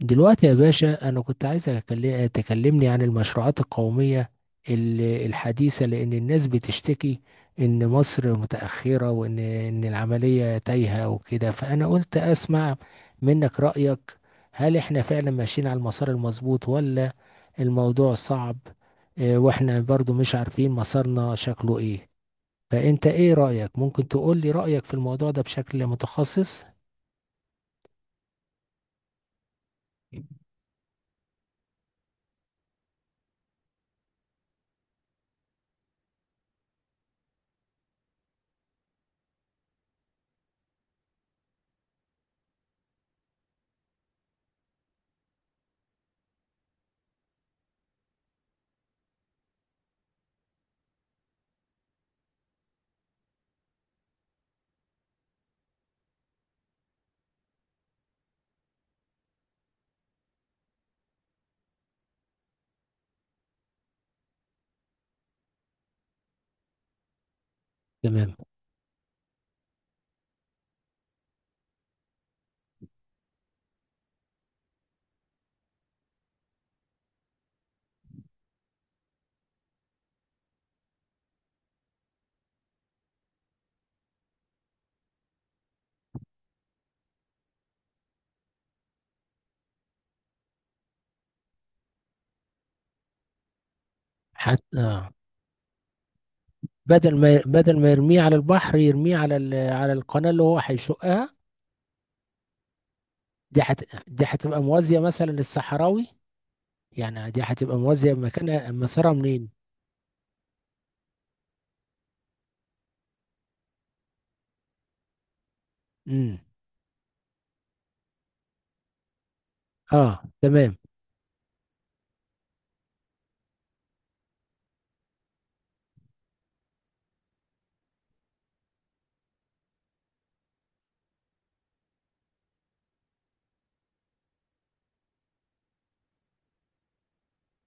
دلوقتي يا باشا، أنا كنت عايز تكلمني عن المشروعات القومية الحديثة، لأن الناس بتشتكي إن مصر متأخرة، وإن العملية تايهة وكده. فأنا قلت أسمع منك رأيك. هل إحنا فعلا ماشيين على المسار المظبوط، ولا الموضوع صعب؟ وإحنا برضو مش عارفين مسارنا شكله إيه. فأنت إيه رأيك؟ ممكن تقول لي رأيك في الموضوع ده بشكل متخصص؟ تمام. حتى. بدل ما يرميه على البحر، يرميه على على القناة اللي هو هيشقها. دي هت... دي هتبقى موازية مثلا للصحراوي. يعني دي هتبقى موازية، مكانها مسارها منين؟ امم اه، تمام.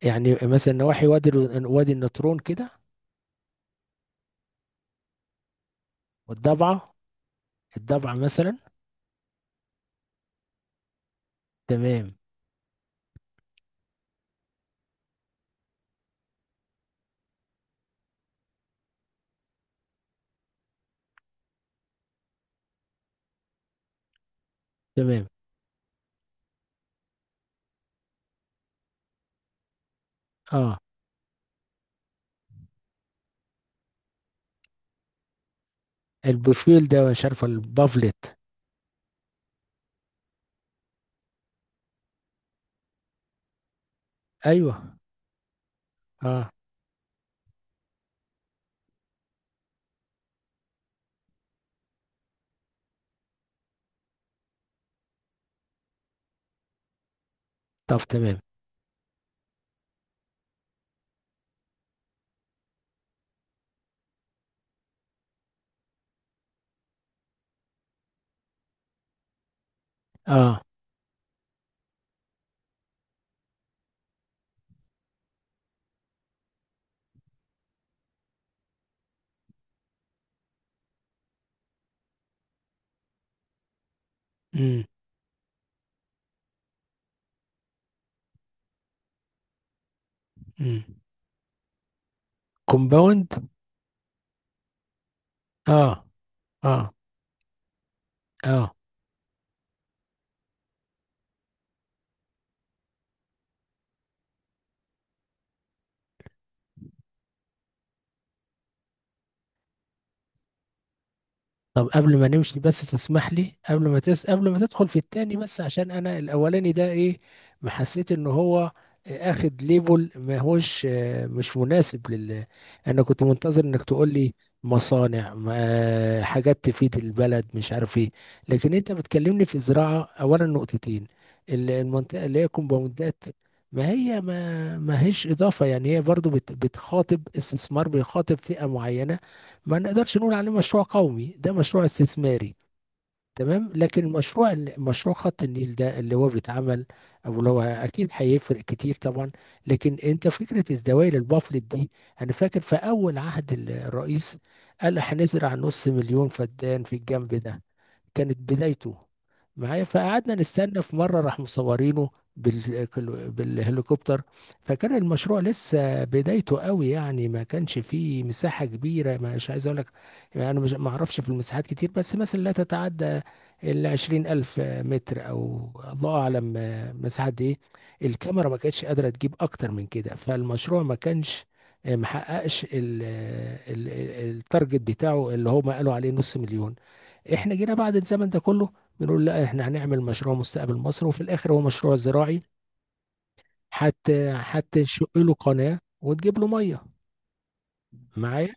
يعني مثلا نواحي وادي النطرون كده. والضبعة. الضبعة مثلا. تمام. تمام. اه، البوفيل ده مش عارف، البافلت. ايوه. اه. طب تمام. اه. امم امم كومباوند. اه، اه، اه. طب قبل ما نمشي، بس تسمح لي، قبل ما قبل ما تدخل في التاني، بس عشان انا الاولاني ده ايه؟ ما حسيت ان هو اخد ليبل، ما هوش مش مناسب لل. انا كنت منتظر انك تقول لي مصانع، حاجات تفيد البلد، مش عارف ايه. لكن انت بتكلمني في زراعة، اولا نقطتين، المنطقة اللي هي كومباوندات ما هي، ما هيش اضافة. يعني هي برضو بتخاطب استثمار، بيخاطب فئة معينة. ما نقدرش نقول عليه مشروع قومي، ده مشروع استثماري. تمام. لكن مشروع خط النيل ده اللي هو بيتعمل، او اللي هو اكيد هيفرق كتير طبعا. لكن انت فكره الزوايا للبافلت دي، انا فاكر في اول عهد الرئيس قال هنزرع نص مليون فدان في الجنب ده. كانت بدايته معايا، فقعدنا نستنى. في مره راح مصورينه بال... بالهليكوبتر. فكان المشروع لسه بدايته قوي، يعني ما كانش فيه مساحه كبيره، مش عايز اقول لك يعني، انا مش ما اعرفش في المساحات كتير، بس مثلا لا تتعدى 20 ألف متر، أو الله أعلم مساحة إيه. الكاميرا ما كانتش قادرة تجيب أكتر من كده. فالمشروع ما كانش محققش التارجت بتاعه اللي هما قالوا عليه نص مليون. احنا جينا بعد الزمن ده كله بنقول لا، احنا هنعمل مشروع مستقبل مصر، وفي الاخر هو مشروع زراعي، حتى نشق له قناة وتجيب له مية. معايا.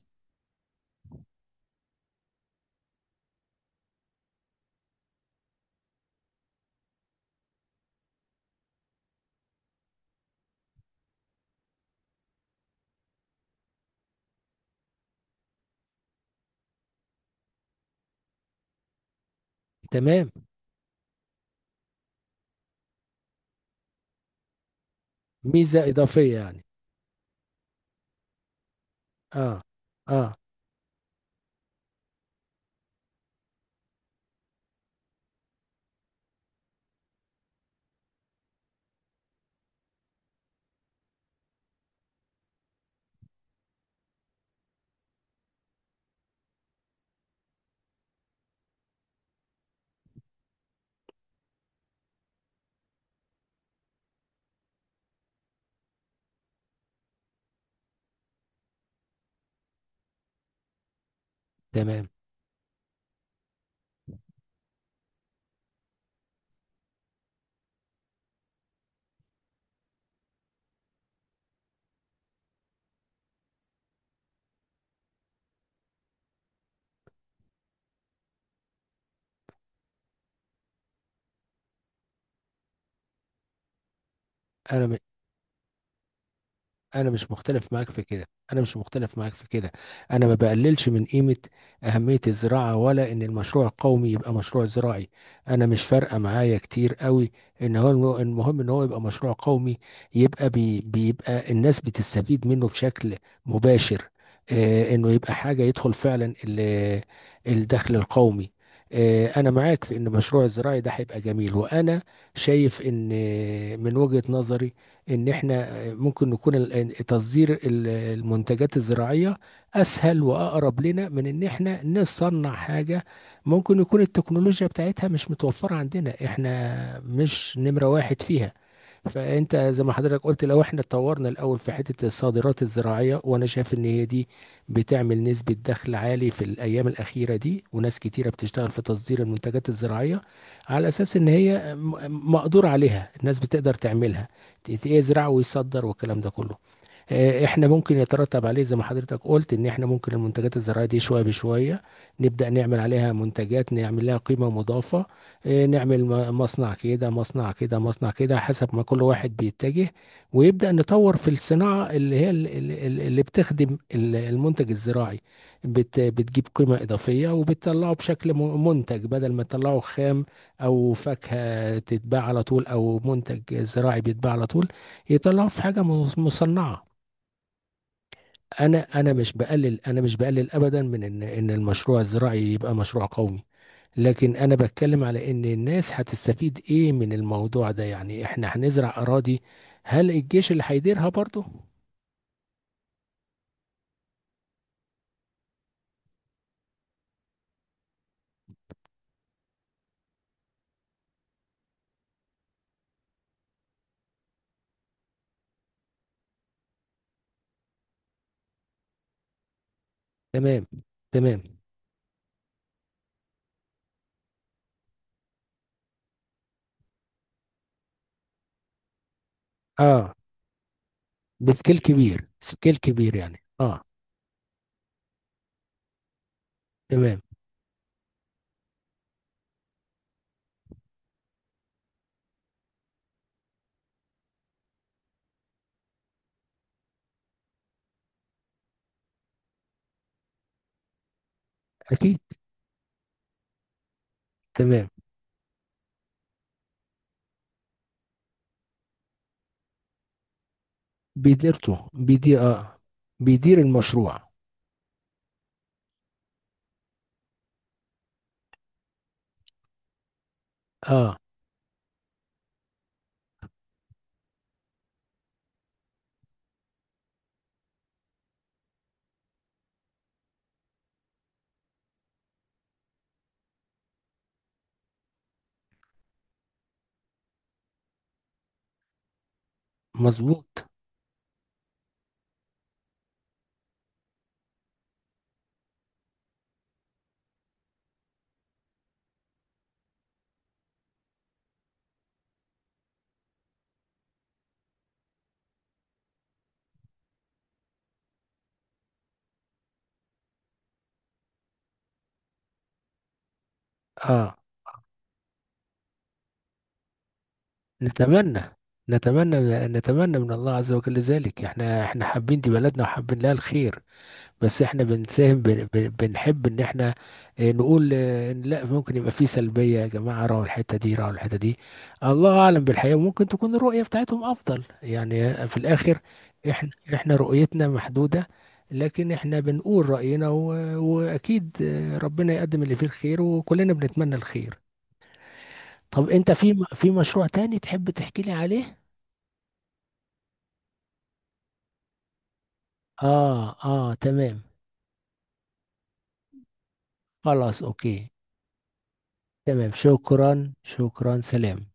تمام. ميزة إضافية يعني. اه. اه. تمام. انا انا مش مختلف معاك في كده. انا مش مختلف معاك في كده. انا ما بقللش من قيمه اهميه الزراعه، ولا ان المشروع القومي يبقى مشروع زراعي. انا مش فارقه معايا كتير قوي، ان هو المهم ان هو يبقى مشروع قومي، يبقى بيبقى الناس بتستفيد منه بشكل مباشر. انه يبقى حاجه يدخل فعلا الدخل القومي. انا معاك في ان مشروع الزراعي ده هيبقى جميل، وانا شايف ان، من وجهه نظري، ان احنا ممكن نكون تصدير المنتجات الزراعية أسهل وأقرب لنا من إن إحنا نصنع حاجة ممكن يكون التكنولوجيا بتاعتها مش متوفرة عندنا، إحنا مش نمرة واحد فيها. فانت زي ما حضرتك قلت، لو احنا اتطورنا الاول في حته الصادرات الزراعيه. وانا شايف ان هي دي بتعمل نسبه دخل عالي في الايام الاخيره دي، وناس كتيره بتشتغل في تصدير المنتجات الزراعيه، على اساس ان هي مقدور عليها، الناس بتقدر تعملها، يزرع ويصدر والكلام ده كله. احنا ممكن يترتب عليه، زي ما حضرتك قلت، ان احنا ممكن المنتجات الزراعية دي شوية بشوية نبدأ نعمل عليها منتجات، نعمل لها قيمة مضافة. نعمل مصنع كده مصنع كده مصنع كده، حسب ما كل واحد بيتجه. ويبدأ نطور في الصناعة اللي هي اللي بتخدم المنتج الزراعي، بتجيب قيمة إضافية، وبتطلعه بشكل منتج بدل ما تطلعه خام أو فاكهة تتباع على طول أو منتج زراعي بيتباع على طول، يطلعه في حاجة مصنعة. انا مش بقلل ابدا من ان المشروع الزراعي يبقى مشروع قومي. لكن انا بتكلم على ان الناس هتستفيد ايه من الموضوع ده، يعني احنا هنزرع اراضي، هل الجيش اللي هيديرها برضه؟ تمام. تمام. اه، بسكيل كبير، سكيل كبير يعني. اه. تمام. اكيد. تمام. بيديرته بيدير اه بيدير المشروع. اه. مظبوط. اه. نتمنى. نتمنى. نتمنى من الله عز وجل ذلك. احنا، حابين دي بلدنا وحابين لها الخير. بس احنا بنساهم، بنحب ان احنا اه، نقول ان لا، ممكن يبقى في سلبية، يا جماعة راحوا الحتة دي راحوا الحتة دي. الله اعلم بالحقيقة، ممكن تكون الرؤية بتاعتهم افضل، يعني في الاخر احنا، رؤيتنا محدودة. لكن احنا بنقول رأينا، واكيد ربنا يقدم اللي فيه الخير، وكلنا بنتمنى الخير. طب انت في مشروع تاني تحب تحكي لي عليه؟ آه. آه. تمام. خلاص. أوكي. تمام. شكرا. شكرا. سلام.